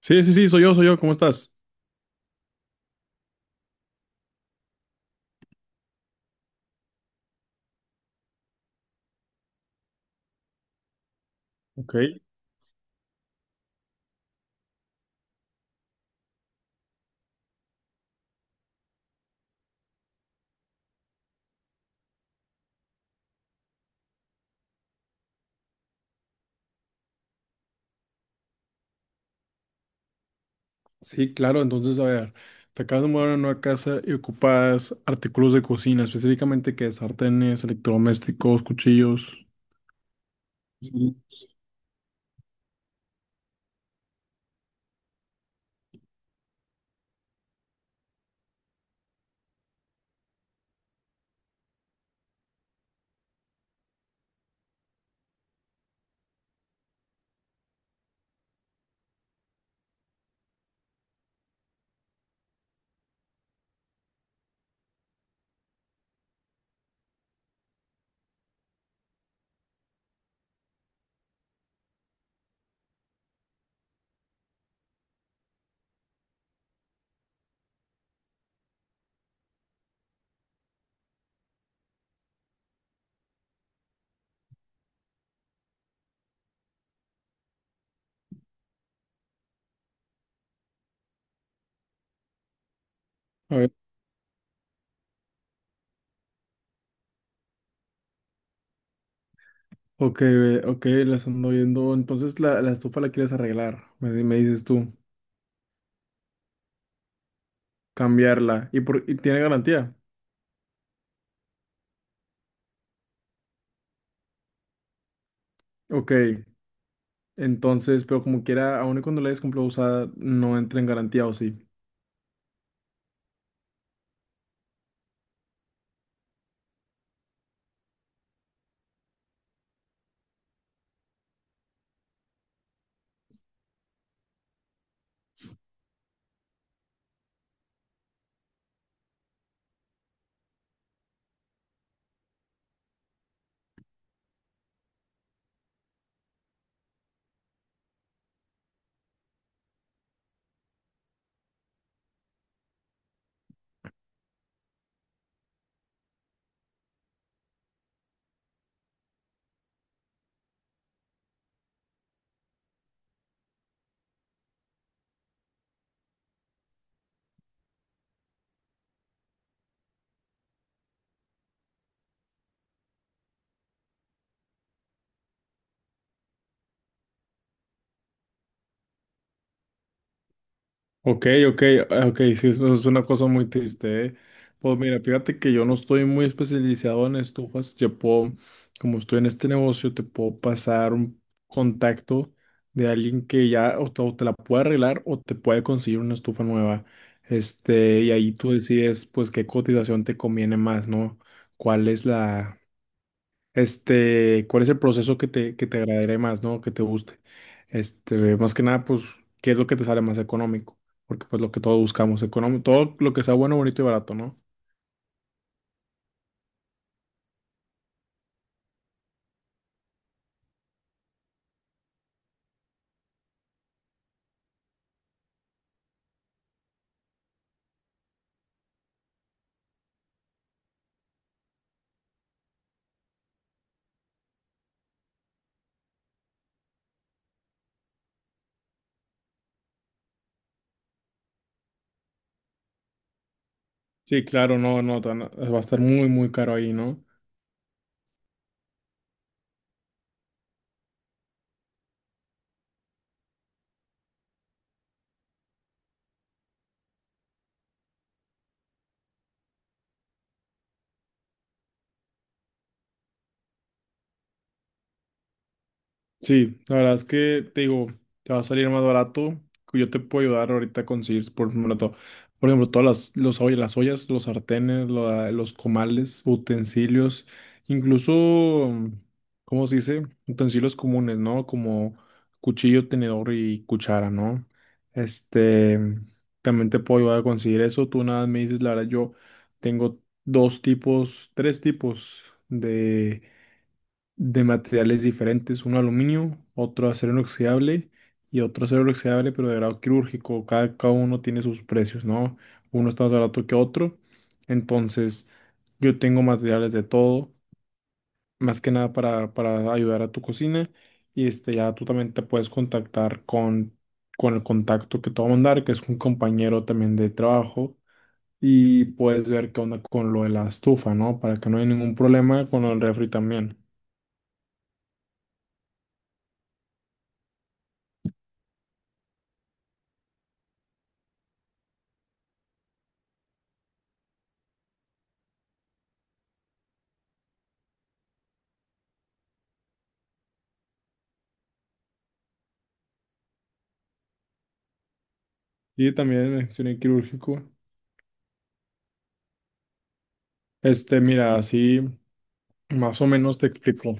Sí, sí, sí, soy yo, ¿cómo estás? Ok. Sí, claro, entonces, a ver, te acabas de mudar a una nueva casa y ocupas artículos de cocina, específicamente que sartenes, electrodomésticos, cuchillos. Sí. A ver, ok, ve, ok, las ando viendo. Entonces, la estufa la quieres arreglar, me dices tú, cambiarla. ¿Y tiene garantía? Ok, entonces, pero como quiera, aun y cuando la hayas comprado usada, no entra en garantía, ¿o sí? Ok, ok, ah, ok, sí, eso es una cosa muy triste, ¿eh? Pues mira, fíjate que yo no estoy muy especializado en estufas, yo puedo, como estoy en este negocio, te puedo pasar un contacto de alguien que ya o te la puede arreglar o te puede conseguir una estufa nueva, este, y ahí tú decides pues qué cotización te conviene más, ¿no? ¿Cuál es la, ¿cuál es el proceso que te agradaría más, ¿no? Que te guste. Este, más que nada, pues, ¿qué es lo que te sale más económico? Porque pues lo que todos buscamos, económico, todo lo que sea bueno, bonito y barato, ¿no? Sí, claro, no, no, va a estar muy, muy caro ahí, ¿no? Sí, la verdad es que te digo, te va a salir más barato. Que yo te puedo ayudar ahorita a conseguir, por ejemplo, por ejemplo, todas las ollas, los sartenes, los comales, utensilios, incluso, ¿cómo se dice? Utensilios comunes, ¿no? Como cuchillo, tenedor y cuchara, ¿no? Este, también te puedo ayudar a conseguir eso. Tú nada más me dices, la verdad, yo tengo dos tipos, tres tipos de materiales diferentes, uno aluminio, otro acero inoxidable y otro acero inoxidable, pero de grado quirúrgico. Cada uno tiene sus precios, ¿no? Uno está más barato que otro. Entonces, yo tengo materiales de todo, más que nada para, ayudar a tu cocina. Y este, ya tú también te puedes contactar con el contacto que te va a mandar, que es un compañero también de trabajo. Y puedes ver qué onda con lo de la estufa, ¿no? Para que no haya ningún problema con el refri también. Y también accioné quirúrgico. Este, mira, así más o menos te explico.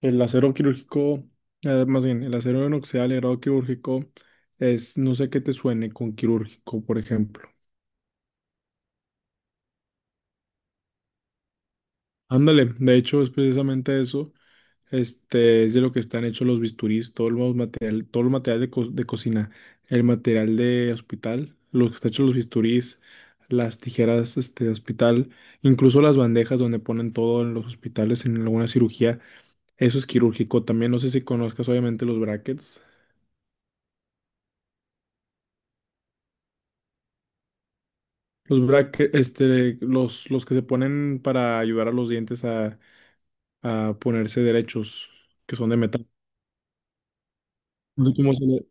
El acero quirúrgico, más bien, el acero inoxidable de grado quirúrgico es, no sé qué te suene con quirúrgico, por ejemplo. Ándale, de hecho es precisamente eso. Este, es de lo que están hechos los bisturís, todo el material de cocina, el material de hospital, lo que está hecho los bisturís, las tijeras, este, de hospital, incluso las bandejas donde ponen todo en los hospitales en alguna cirugía. Eso es quirúrgico también. No sé si conozcas obviamente los brackets. Los brackets, este, los que se ponen para ayudar a los dientes a ponerse derechos, que son de metal. No sé cómo se le...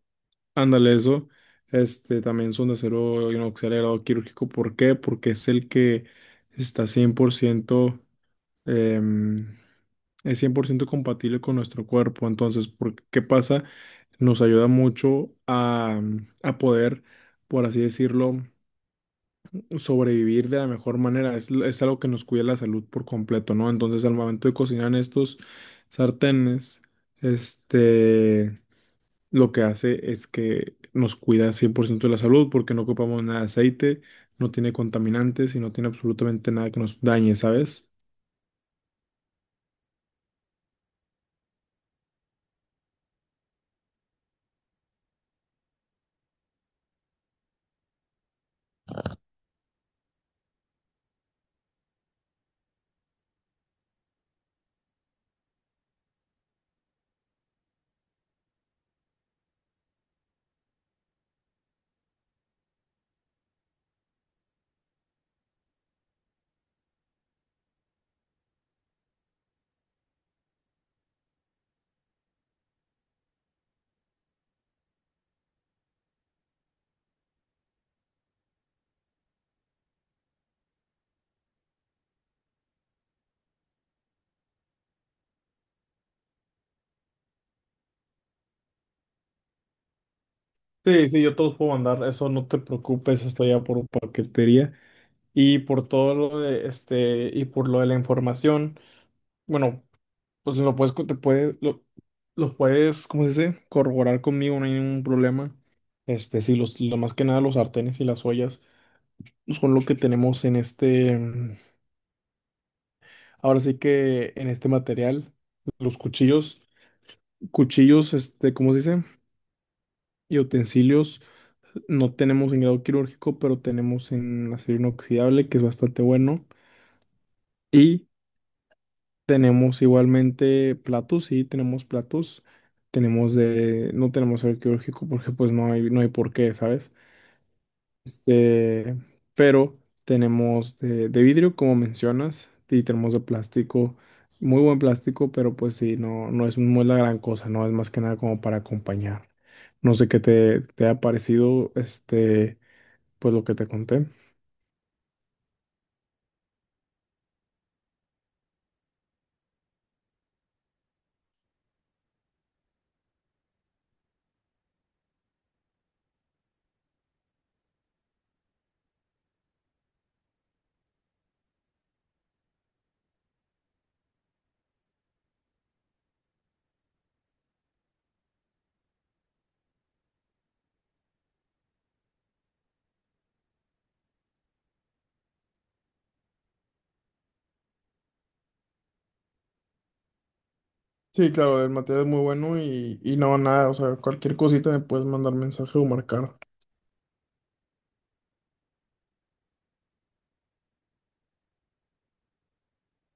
Ándale, eso. Este, también son de acero inoxidado quirúrgico. ¿Por qué? Porque es el que está 100%, em, es 100% compatible con nuestro cuerpo. Entonces, ¿por qué pasa? Nos ayuda mucho a poder, por así decirlo, sobrevivir de la mejor manera. Es algo que nos cuida la salud por completo, ¿no? Entonces, al momento de cocinar en estos sartenes, este, lo que hace es que nos cuida 100% de la salud porque no ocupamos nada de aceite, no tiene contaminantes y no tiene absolutamente nada que nos dañe, ¿sabes? Sí, sí, yo te los puedo mandar, eso no te preocupes, esto ya por paquetería. Y por todo lo de este, y por lo de la información, bueno. Pues lo puedes, co- te puede- lo puedes, ¿cómo se dice? Corroborar conmigo, no hay ningún problema. Este, sí, lo más que nada los sartenes y las ollas pues, son lo que tenemos en este, ahora sí que en este material, los cuchillos, este, ¿cómo se dice? Y utensilios, no tenemos en grado quirúrgico, pero tenemos en acero inoxidable, que es bastante bueno. Y tenemos igualmente platos, sí, tenemos platos. No tenemos arqueológico porque pues no hay, por qué, ¿sabes? Este, pero tenemos de vidrio, como mencionas, y tenemos de plástico, muy buen plástico, pero pues sí, no, no es, muy la gran cosa, ¿no? Es más que nada como para acompañar. No sé qué te ha parecido, este, pues lo que te conté. Sí, claro, el material es muy bueno y no, nada, o sea, cualquier cosita me puedes mandar mensaje o marcar.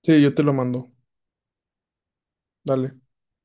Sí, yo te lo mando. Dale.